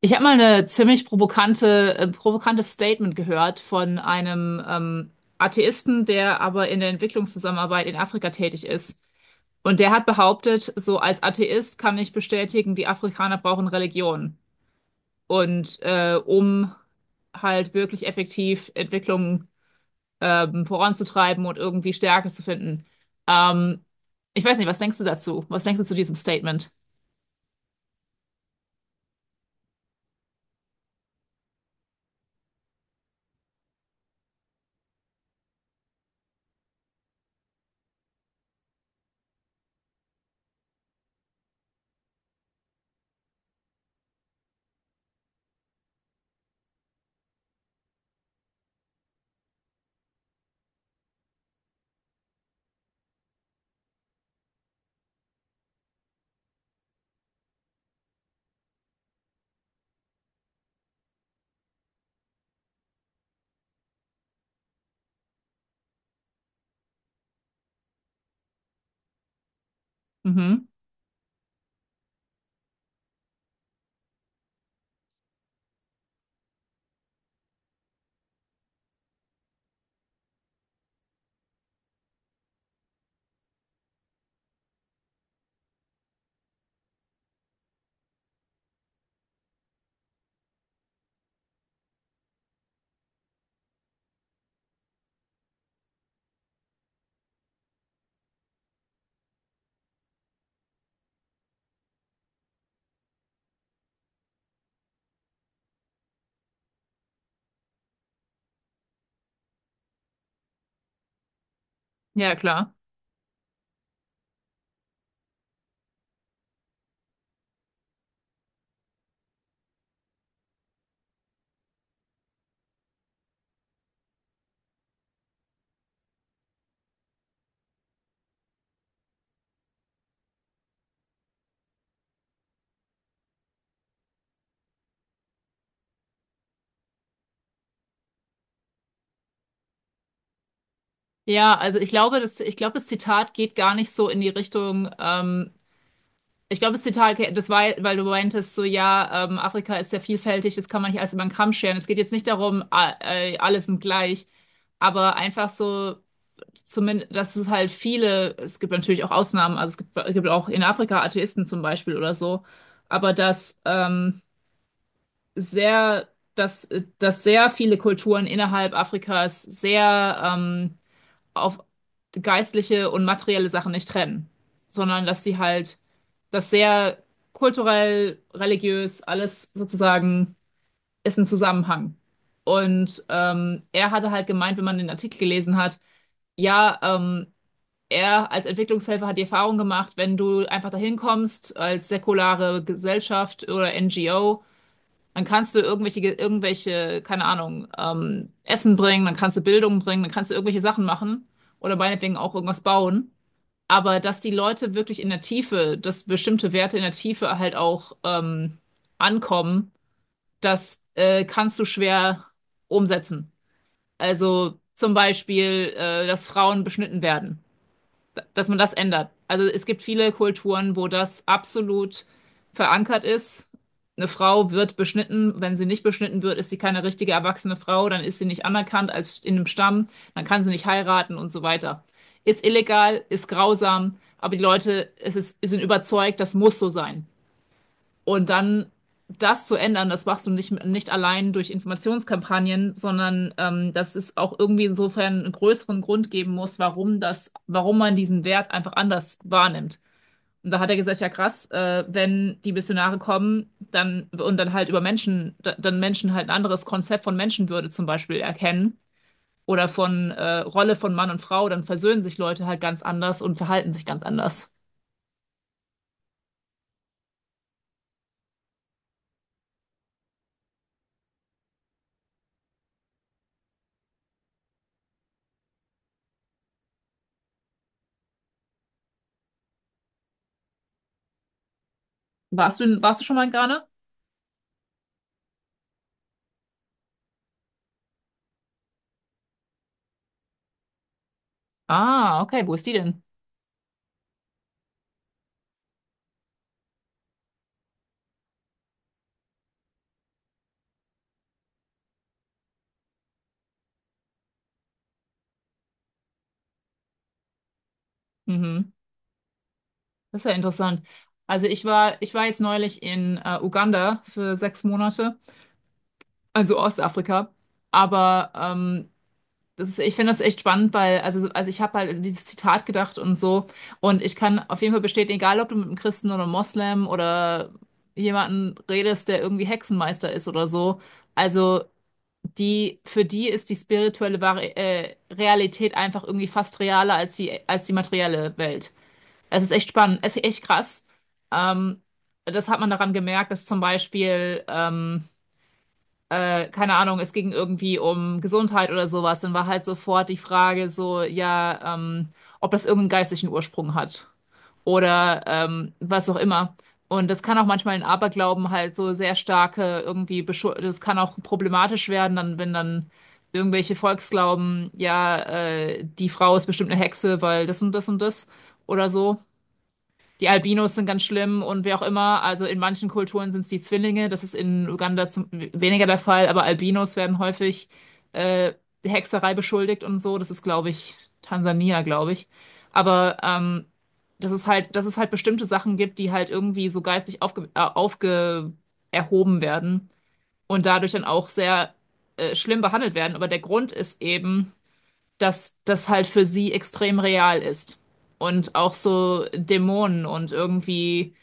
Ich habe mal eine ziemlich provokantes Statement gehört von einem Atheisten, der aber in der Entwicklungszusammenarbeit in Afrika tätig ist. Und der hat behauptet, so als Atheist kann ich bestätigen, die Afrikaner brauchen Religion. Und um halt wirklich effektiv Entwicklung voranzutreiben und irgendwie Stärke zu finden. Ähm, Ich weiß nicht, was denkst du dazu? Was denkst du zu diesem Statement? Mhm. Ja, klar. Ja, also ich glaube, ich glaube, das Zitat geht gar nicht so in die Richtung. Ich glaube, das Zitat, okay, das war, weil du meintest, so ja, Afrika ist sehr vielfältig, das kann man nicht alles über den Kamm scheren. Es geht jetzt nicht darum, alle sind gleich, aber einfach so, zumindest, dass es halt viele, es gibt natürlich auch Ausnahmen, also es gibt auch in Afrika Atheisten zum Beispiel oder so, aber sehr, dass, dass sehr viele Kulturen innerhalb Afrikas sehr auf geistliche und materielle Sachen nicht trennen, sondern dass sie halt das sehr kulturell, religiös, alles sozusagen ist ein Zusammenhang. Und er hatte halt gemeint, wenn man den Artikel gelesen hat, ja, er als Entwicklungshelfer hat die Erfahrung gemacht, wenn du einfach dahin kommst als säkulare Gesellschaft oder NGO, dann kannst du irgendwelche, keine Ahnung, Essen bringen, dann kannst du Bildung bringen, dann kannst du irgendwelche Sachen machen oder meinetwegen auch irgendwas bauen. Aber dass die Leute wirklich in der Tiefe, dass bestimmte Werte in der Tiefe halt auch ankommen, das kannst du schwer umsetzen. Also zum Beispiel, dass Frauen beschnitten werden, dass man das ändert. Also es gibt viele Kulturen, wo das absolut verankert ist. Eine Frau wird beschnitten. Wenn sie nicht beschnitten wird, ist sie keine richtige erwachsene Frau. Dann ist sie nicht anerkannt als in einem Stamm. Dann kann sie nicht heiraten und so weiter. Ist illegal, ist grausam, aber die Leute, sind überzeugt, das muss so sein. Und dann das zu ändern, das machst du nicht, nicht allein durch Informationskampagnen, sondern dass es auch irgendwie insofern einen größeren Grund geben muss, warum warum man diesen Wert einfach anders wahrnimmt. Und da hat er gesagt, ja krass, wenn die Missionare kommen, dann und dann halt über Menschen, dann Menschen halt ein anderes Konzept von Menschenwürde zum Beispiel erkennen oder von Rolle von Mann und Frau, dann versöhnen sich Leute halt ganz anders und verhalten sich ganz anders. Warst du schon mal in Ghana? Ah, okay, wo ist die denn? Mhm. Das ist ja interessant. Ich war jetzt neulich in Uganda für 6 Monate, also Ostafrika. Aber das ist, ich finde das echt spannend, weil, also ich habe halt an dieses Zitat gedacht und so. Und ich kann auf jeden Fall bestätigen, egal ob du mit einem Christen oder einem Moslem oder jemanden redest, der irgendwie Hexenmeister ist oder so. Also die, für die ist die spirituelle Vari Realität einfach irgendwie fast realer als als die materielle Welt. Es ist echt spannend, es ist echt krass. Ähm, das hat man daran gemerkt, dass zum Beispiel, keine Ahnung, es ging irgendwie um Gesundheit oder sowas, dann war halt sofort die Frage so, ja, ob das irgendeinen geistlichen Ursprung hat oder was auch immer. Und das kann auch manchmal in Aberglauben halt so sehr starke irgendwie, das kann auch problematisch werden, dann, wenn dann irgendwelche Volksglauben, ja, die Frau ist bestimmt eine Hexe, weil das und das und das oder so. Die Albinos sind ganz schlimm und wer auch immer. Also in manchen Kulturen sind es die Zwillinge. Das ist in Uganda zum, weniger der Fall, aber Albinos werden häufig äh, Hexerei beschuldigt und so. Das ist, glaube ich, Tansania, glaube ich. Aber das ist halt, dass es halt bestimmte Sachen gibt, die halt irgendwie so geistig aufge, aufge erhoben werden und dadurch dann auch sehr schlimm behandelt werden. Aber der Grund ist eben, dass das halt für sie extrem real ist. Und auch so Dämonen und irgendwie,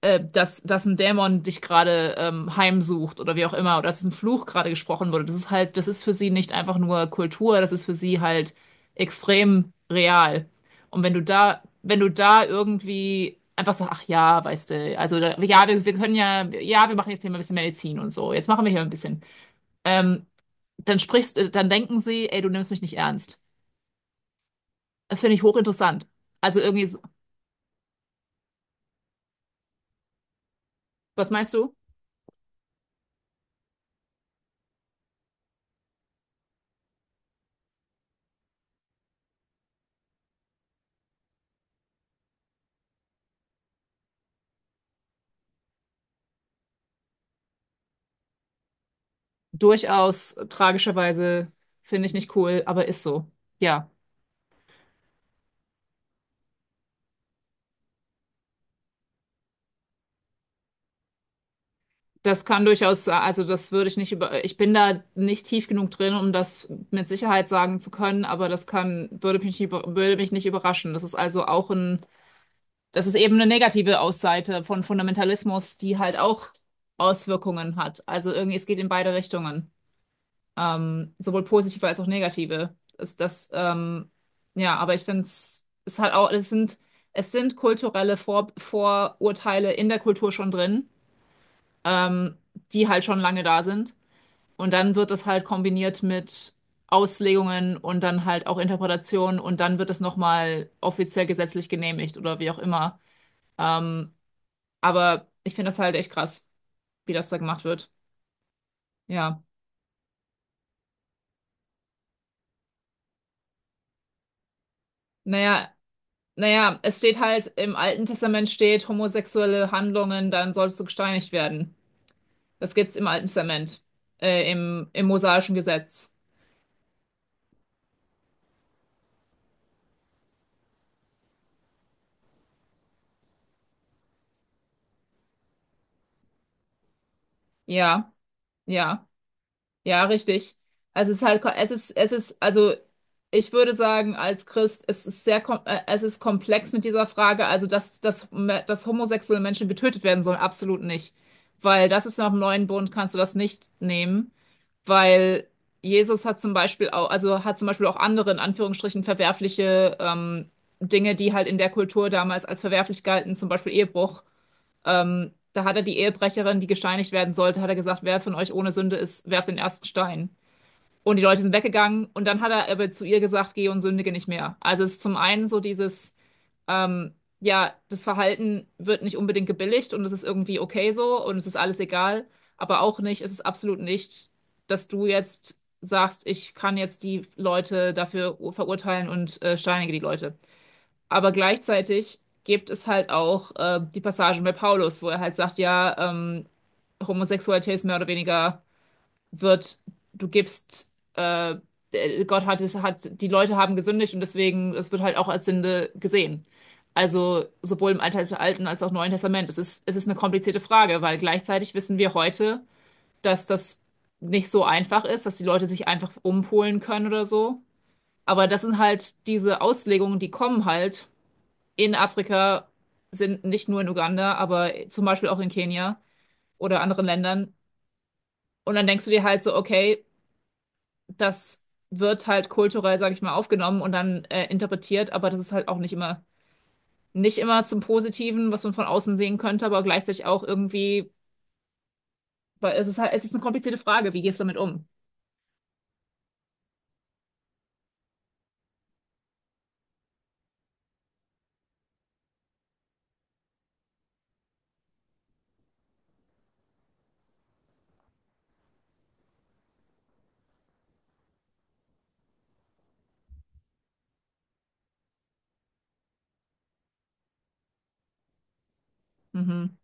dass ein Dämon dich gerade heimsucht oder wie auch immer, oder dass ein Fluch gerade gesprochen wurde. Das ist halt, das ist für sie nicht einfach nur Kultur, das ist für sie halt extrem real. Und wenn du da, wenn du da irgendwie einfach sagst, ach ja, weißt du, also da- ja, wir können ja, ja, wir machen jetzt hier mal ein bisschen Medizin und so, jetzt machen wir hier ein bisschen. Ähm, dann denken sie, ey, du nimmst mich nicht ernst. Finde ich hochinteressant. Also irgendwie, so- was meinst du? Durchaus tragischerweise finde ich nicht cool, aber ist so. Ja, das kann durchaus, also das würde ich nicht über, ich bin da nicht tief genug drin, um das mit Sicherheit sagen zu können, aber das kann, würde mich nicht, würde mich nicht überraschen. Das ist also auch ein, das ist eben eine negative Ausseite von Fundamentalismus, die halt auch Auswirkungen hat. Also irgendwie, es geht in beide Richtungen. Sowohl positive als auch negative. Ja, aber ich finde es ist halt auch, es sind kulturelle Vor Vorurteile in der Kultur schon drin, ähm, die halt schon lange da sind. Und dann wird das halt kombiniert mit Auslegungen und dann halt auch Interpretationen und dann wird es nochmal offiziell gesetzlich genehmigt oder wie auch immer. Ähm, aber ich finde das halt echt krass, wie das da gemacht wird. Ja. Naja, naja, es steht halt, im Alten Testament steht, homosexuelle Handlungen, dann sollst du gesteinigt werden. Das gibt's im Alten Testament, im mosaischen Gesetz. Ja, ja. Ja, richtig. Also es ist halt, es ist, also ich würde sagen, als Christ, es ist sehr, es ist komplex mit dieser Frage. Also, dass homosexuelle Menschen getötet werden sollen, absolut nicht. Weil das ist nach dem neuen Bund, kannst du das nicht nehmen. Weil Jesus hat zum Beispiel auch, also hat zum Beispiel auch andere, in Anführungsstrichen, verwerfliche Dinge, die halt in der Kultur damals als verwerflich galten, zum Beispiel Ehebruch. Da hat er die Ehebrecherin, die gesteinigt werden sollte, hat er gesagt, wer von euch ohne Sünde ist, werft den ersten Stein. Und die Leute sind weggegangen und dann hat er aber zu ihr gesagt, geh und sündige nicht mehr. Also es ist zum einen so dieses, ähm, ja, das Verhalten wird nicht unbedingt gebilligt und es ist irgendwie okay so und es ist alles egal, aber auch nicht, es ist absolut nicht, dass du jetzt sagst, ich kann jetzt die Leute dafür verurteilen und steinige die Leute. Aber gleichzeitig gibt es halt auch die Passagen bei Paulus, wo er halt sagt, ja, Homosexualität ist mehr oder weniger wird, du gibst, äh, Gott hat es, hat, die Leute haben gesündigt und deswegen, es wird halt auch als Sünde gesehen. Also sowohl im Alten Alten als auch Neuen Testament. Es ist eine komplizierte Frage, weil gleichzeitig wissen wir heute, dass das nicht so einfach ist, dass die Leute sich einfach umpolen können oder so. Aber das sind halt diese Auslegungen, die kommen halt in Afrika sind, nicht nur in Uganda, aber zum Beispiel auch in Kenia oder anderen Ländern. Und dann denkst du dir halt so, okay, das wird halt kulturell, sag ich mal, aufgenommen und dann interpretiert, aber das ist halt auch nicht immer, nicht immer zum Positiven, was man von außen sehen könnte, aber gleichzeitig auch irgendwie, weil es ist halt, es ist eine komplizierte Frage, wie gehst du damit um? Mhm.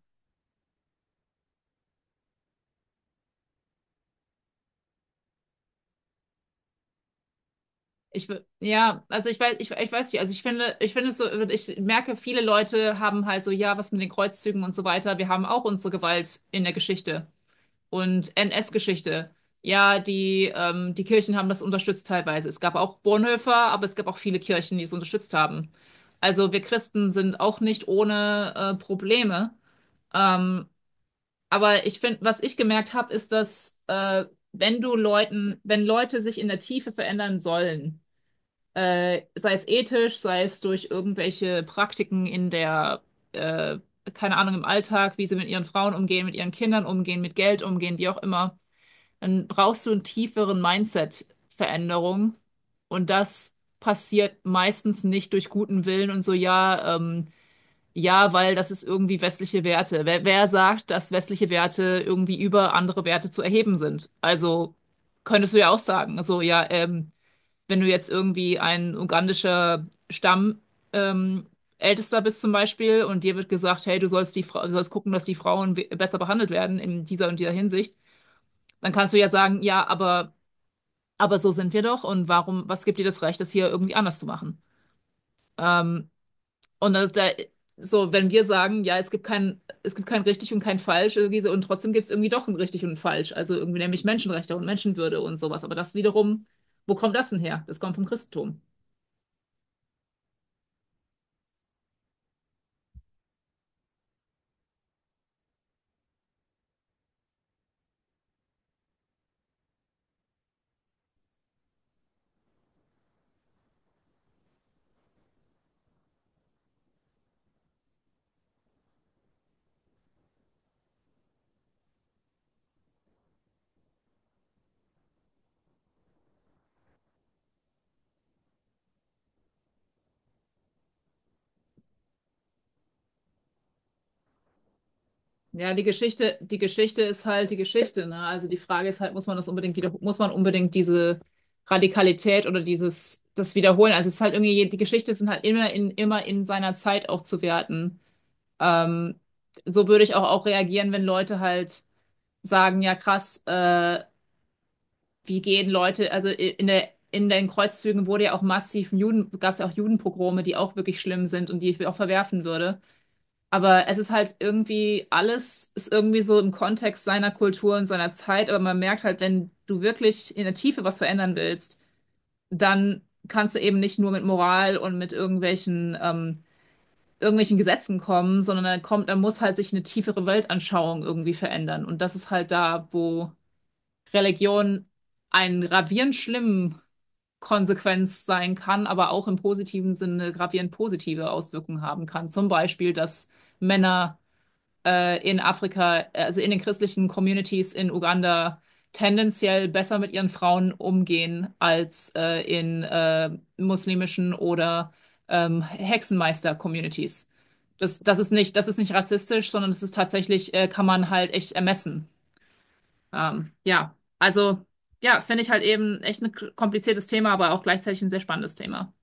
Ja, also ich weiß, ich weiß nicht, also ich finde es so, ich merke, viele Leute haben halt so, ja, was mit den Kreuzzügen und so weiter, wir haben auch unsere Gewalt in der Geschichte und NS-Geschichte. Ja, die Kirchen haben das unterstützt teilweise. Es gab auch Bonhoeffer, aber es gab auch viele Kirchen, die es unterstützt haben. Also wir Christen sind auch nicht ohne Probleme. Ähm, aber ich finde, was ich gemerkt habe, ist, dass wenn du Leuten, wenn Leute sich in der Tiefe verändern sollen, sei es ethisch, sei es durch irgendwelche Praktiken in der, äh, keine Ahnung, im Alltag, wie sie mit ihren Frauen umgehen, mit ihren Kindern umgehen, mit Geld umgehen, wie auch immer, dann brauchst du einen tieferen Mindset-Veränderung. Und das passiert meistens nicht durch guten Willen und so, ja, ja, weil das ist irgendwie westliche Werte. Wer sagt, dass westliche Werte irgendwie über andere Werte zu erheben sind? Also könntest du ja auch sagen, so, ja, wenn du jetzt irgendwie ein ugandischer Stamm, ähm, Ältester bist zum Beispiel und dir wird gesagt, hey, du sollst die Frau, du sollst gucken, dass die Frauen besser behandelt werden in dieser und dieser Hinsicht, dann kannst du ja sagen, ja, aber so sind wir doch und warum, was gibt dir das Recht, das hier irgendwie anders zu machen? Ähm, und das, da, so, wenn wir sagen, ja, es gibt kein richtig und kein falsch irgendwie so, und trotzdem gibt es irgendwie doch ein richtig und ein falsch, also irgendwie nämlich Menschenrechte und Menschenwürde und sowas, aber das wiederum, wo kommt das denn her? Das kommt vom Christentum. Ja, die Geschichte ist halt die Geschichte, ne? Also die Frage ist halt, muss man das unbedingt wieder, muss man unbedingt diese Radikalität oder dieses, das wiederholen? Also es ist halt irgendwie, die Geschichte sind halt immer in seiner Zeit auch zu werten. Ähm, so würde ich auch, auch reagieren, wenn Leute halt sagen, ja krass, wie gehen Leute, in den Kreuzzügen wurde ja auch massiv Juden, gab es ja auch Judenpogrome, die auch wirklich schlimm sind und die ich auch verwerfen würde. Aber es ist halt irgendwie, alles ist irgendwie so im Kontext seiner Kultur und seiner Zeit, aber man merkt halt, wenn du wirklich in der Tiefe was verändern willst, dann kannst du eben nicht nur mit Moral und mit irgendwelchen Gesetzen kommen, sondern dann kommt, dann muss halt sich eine tiefere Weltanschauung irgendwie verändern. Und das ist halt da, wo Religion einen gravierend schlimmen Konsequenz sein kann, aber auch im positiven Sinne gravierend positive Auswirkungen haben kann. Zum Beispiel, dass Männer also in den christlichen Communities in Uganda, tendenziell besser mit ihren Frauen umgehen als in muslimischen oder Hexenmeister-Communities. Das ist nicht rassistisch, sondern das ist tatsächlich, kann man halt echt ermessen. Ähm, ja, also ja, finde ich halt eben echt ein kompliziertes Thema, aber auch gleichzeitig ein sehr spannendes Thema.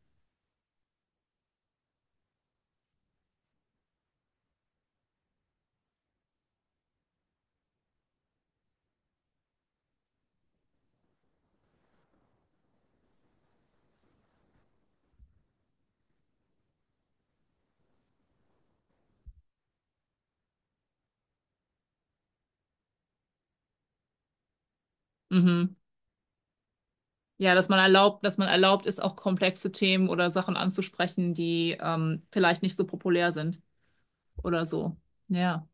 Mhm. Ja, dass man erlaubt ist, auch komplexe Themen oder Sachen anzusprechen, die vielleicht nicht so populär sind oder so. Ja.